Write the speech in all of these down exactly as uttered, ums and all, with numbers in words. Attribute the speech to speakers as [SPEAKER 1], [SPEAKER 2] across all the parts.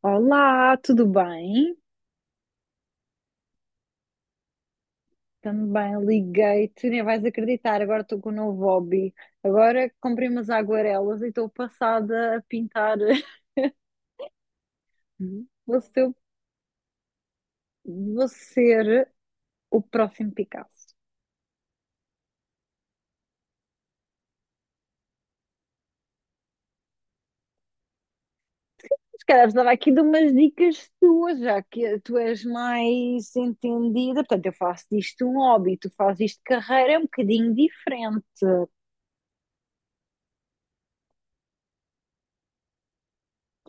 [SPEAKER 1] Olá, tudo bem? Também liguei-te, nem vais acreditar. Agora estou com um novo hobby. Agora comprei umas aguarelas e estou passada a pintar. Vou ser, vou ser o próximo Picasso. Se calhar precisava aqui de umas dicas tuas, já que tu és mais entendida. Portanto, eu faço disto um hobby, tu fazes isto de carreira, é um bocadinho diferente.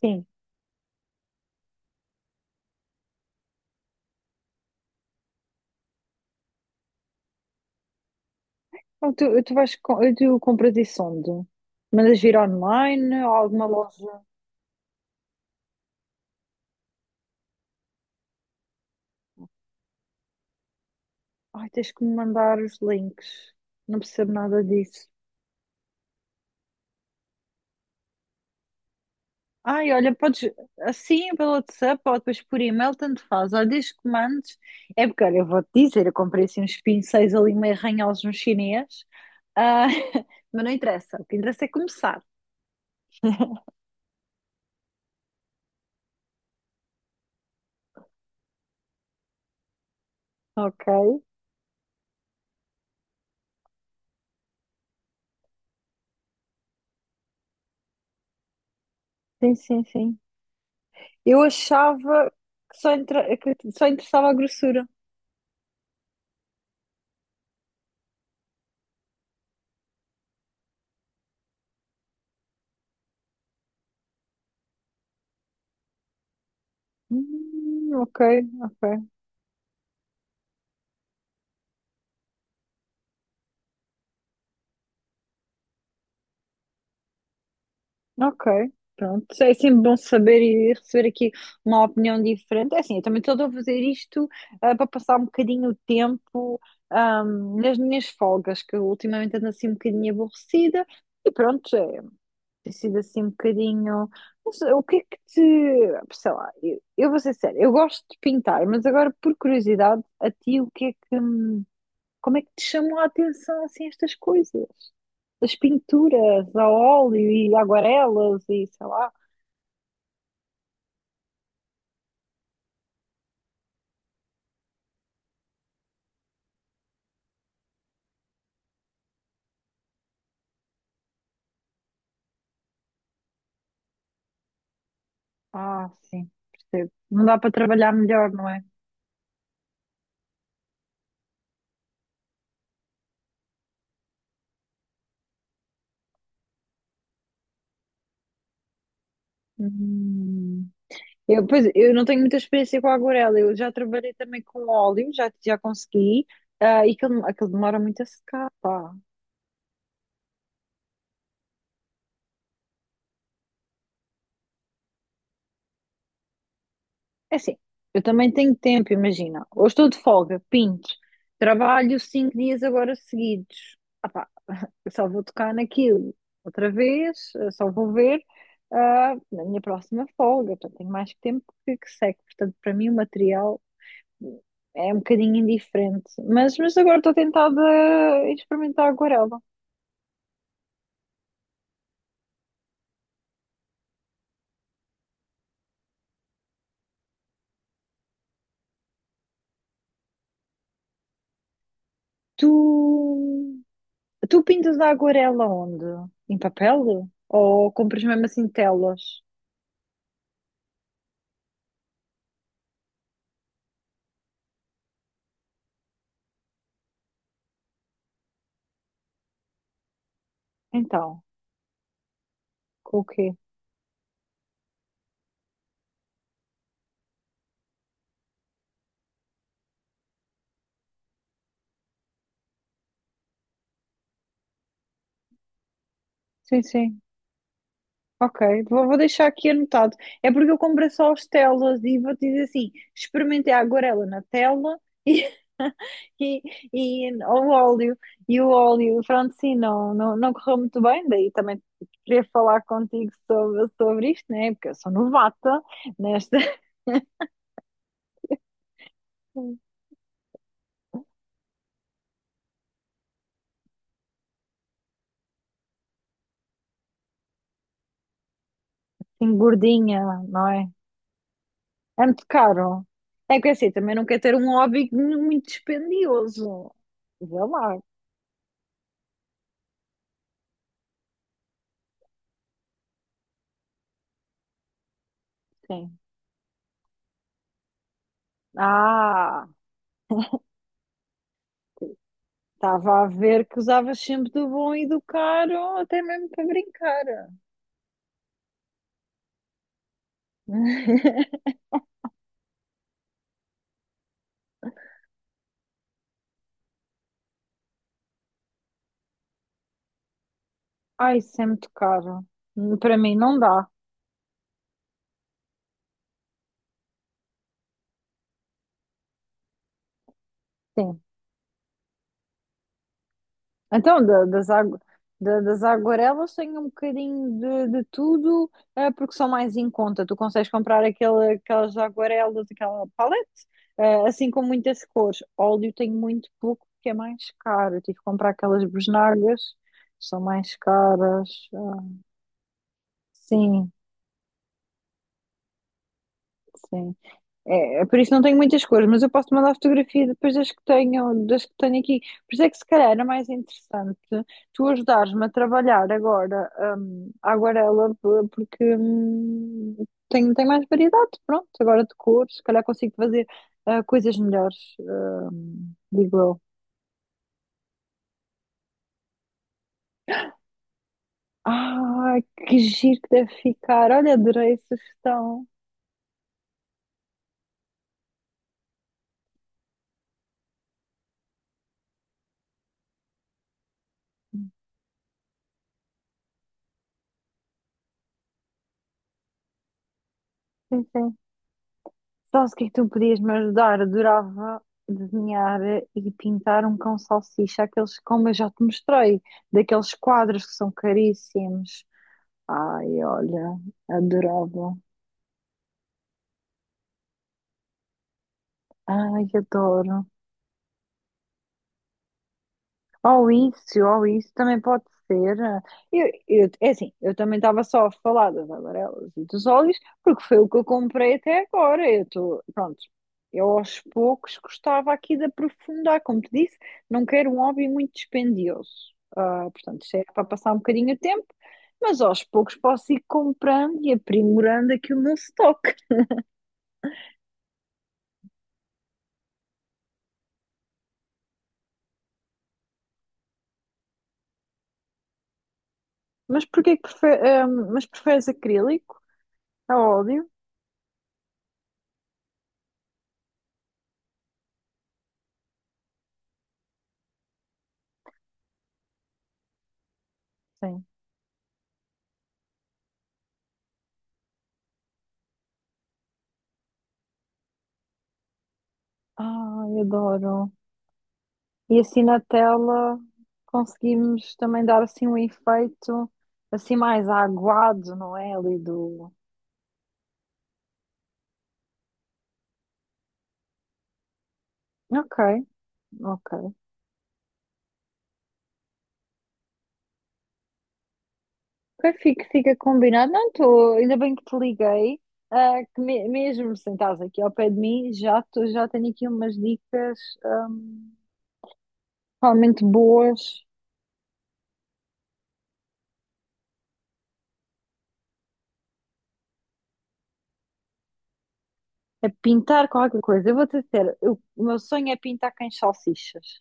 [SPEAKER 1] Sim. Então, tu, tu vais, com- tu compras isso onde? Mandas vir online ou alguma loja? Ai, tens que me mandar os links. Não percebo nada disso. Ai, olha, podes assim pelo WhatsApp ou depois por e-mail, tanto faz. Olha, desde que mandes. É porque, olha, eu vou-te dizer, eu comprei assim uns pincéis ali meio arranhados no chinês. Ah, mas não interessa. O que interessa é começar. Ok. Sim, sim, sim. Eu achava que só, entra... que só interessava a grossura. Hum, ok, ok. Ok, pronto. É sempre bom saber e receber aqui uma opinião diferente. É assim, eu também estou a fazer isto ah, para passar um bocadinho o tempo ah, nas minhas folgas, que eu ultimamente ando assim um bocadinho aborrecida. E pronto, é, tem sido assim um bocadinho. Não sei, o que é que te. Sei lá, eu, eu vou ser séria, eu gosto de pintar, mas agora por curiosidade, a ti, o que é que. Como é que te chamou a atenção assim estas coisas? As pinturas a óleo e aguarelas e sei lá. Ah, sim, percebo. Não dá para trabalhar melhor, não é? Hum. Eu, pois, eu não tenho muita experiência com a aguarela. Eu já trabalhei também com óleo, já, já consegui. Ah, e aquilo, aquilo demora muito a secar, pá. É assim, eu também tenho tempo, imagina. Hoje estou de folga, pinto. Trabalho cinco dias agora seguidos. Ah, pá, eu só vou tocar naquilo outra vez, eu só vou ver ah, na minha próxima folga. Portanto, tenho mais tempo que, que seco. Portanto, para mim, o material. É um bocadinho indiferente. Mas, mas agora estou tentada a experimentar a aguarela. Tu, tu pintas a aquarela onde? Em papel? Ou compras mesmo assim telas? Então, com o quê? Sim, sim. Ok, vou, vou deixar aqui anotado. É porque eu comprei só as telas e vou te dizer assim: experimentei a aguarela na tela e, e, e o óleo. E o óleo, pronto, sim, não, não, não correu muito bem. Daí também queria falar contigo sobre, sobre isto, né? Porque eu sou novata nesta assim, gordinha, não é? É muito caro. É que assim, também não quero ter um hobby muito dispendioso. Vê lá, sim. Ah! Estava a ver que usavas sempre do bom e do caro, até mesmo para brincar. Ai, isso é muito caro. Para mim não dá. Sim. Então, da- das, agu- da- das aguarelas tenho um bocadinho de, de tudo, eh, porque são mais em conta. Tu consegues comprar aquele, aquelas aguarelas, aquela palete, eh, assim com muitas cores. Óleo tenho muito pouco, porque é mais caro. Eu tive que comprar aquelas bisnagas, são mais caras. Ah, sim, sim. É, é por isso não tenho muitas cores, mas eu posso mandar a fotografia depois das que tenho, das que tenho aqui. Por isso é que se calhar era mais interessante tu ajudares-me a trabalhar agora, hum, a aguarela, p- porque hum, tem, tem mais variedade, pronto, agora de cores, se calhar consigo fazer ah, coisas melhores, hum, digo eu. Ah, que giro que deve ficar. Olha, adorei a sugestão. Sabes o que é que tu podias me ajudar? Adorava desenhar e pintar um cão salsicha, aqueles, como eu já te mostrei, daqueles quadros que são caríssimos. Ai, olha, adorava. Ai, adoro. Ou isso, ou isso também pode ser. eh, Eu, eu- é assim, eu também estava só a falar das amarelas e dos óleos, porque foi o que eu comprei até agora. Eu estou, pronto, eu aos poucos gostava aqui de aprofundar, como te disse, não quero um hobby muito dispendioso. Ah, portanto, isto é para passar um bocadinho o tempo, mas aos poucos posso ir comprando e aprimorando aqui o meu stock. Mas porquê que prefe- ah, Mas preferes acrílico a óleo? Sim. Ai, adoro. E assim na tela conseguimos também dar assim um efeito assim mais aguado, não é? Ali do. Ok, ok. Ok, fica, fica combinado. Não estou, ainda bem que te liguei. Ah, que me- mesmo sentados aqui ao pé de mim, já, tô, já tenho aqui umas dicas ahm, realmente boas a pintar qualquer coisa. Eu vou-te dizer, eu- o meu sonho é pintar cães salsichas,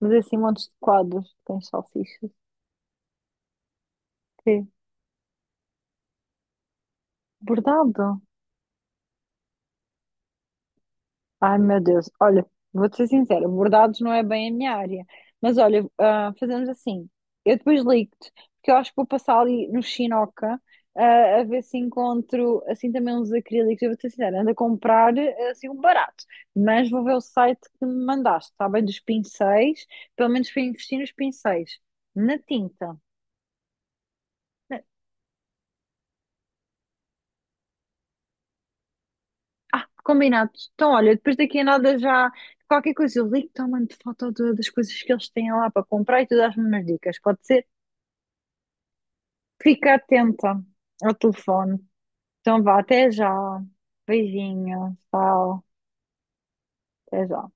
[SPEAKER 1] mas assim montes de quadros de cães salsichas. Que bordado. Ai, meu Deus. Olha, vou-te ser sincera, bordados não é bem a minha área. Mas olha, ah, fazemos assim. Eu depois ligo-te, porque eu acho que vou passar ali no Chinoca, ah, a ver se encontro assim também uns acrílicos. Eu vou-te ser sincera, ando a comprar ah, assim um barato. Mas vou ver o site que me mandaste, está bem? Dos pincéis. Pelo menos para investir nos pincéis. Na tinta. Ah, combinado. Então, olha, depois daqui a nada já qualquer coisa eu ligo-te ou mando foto de- das coisas que eles têm lá para comprar e tu dás-me umas dicas, pode ser? Fica atenta ao telefone. Então vá, até já. Beijinho, tchau, até já.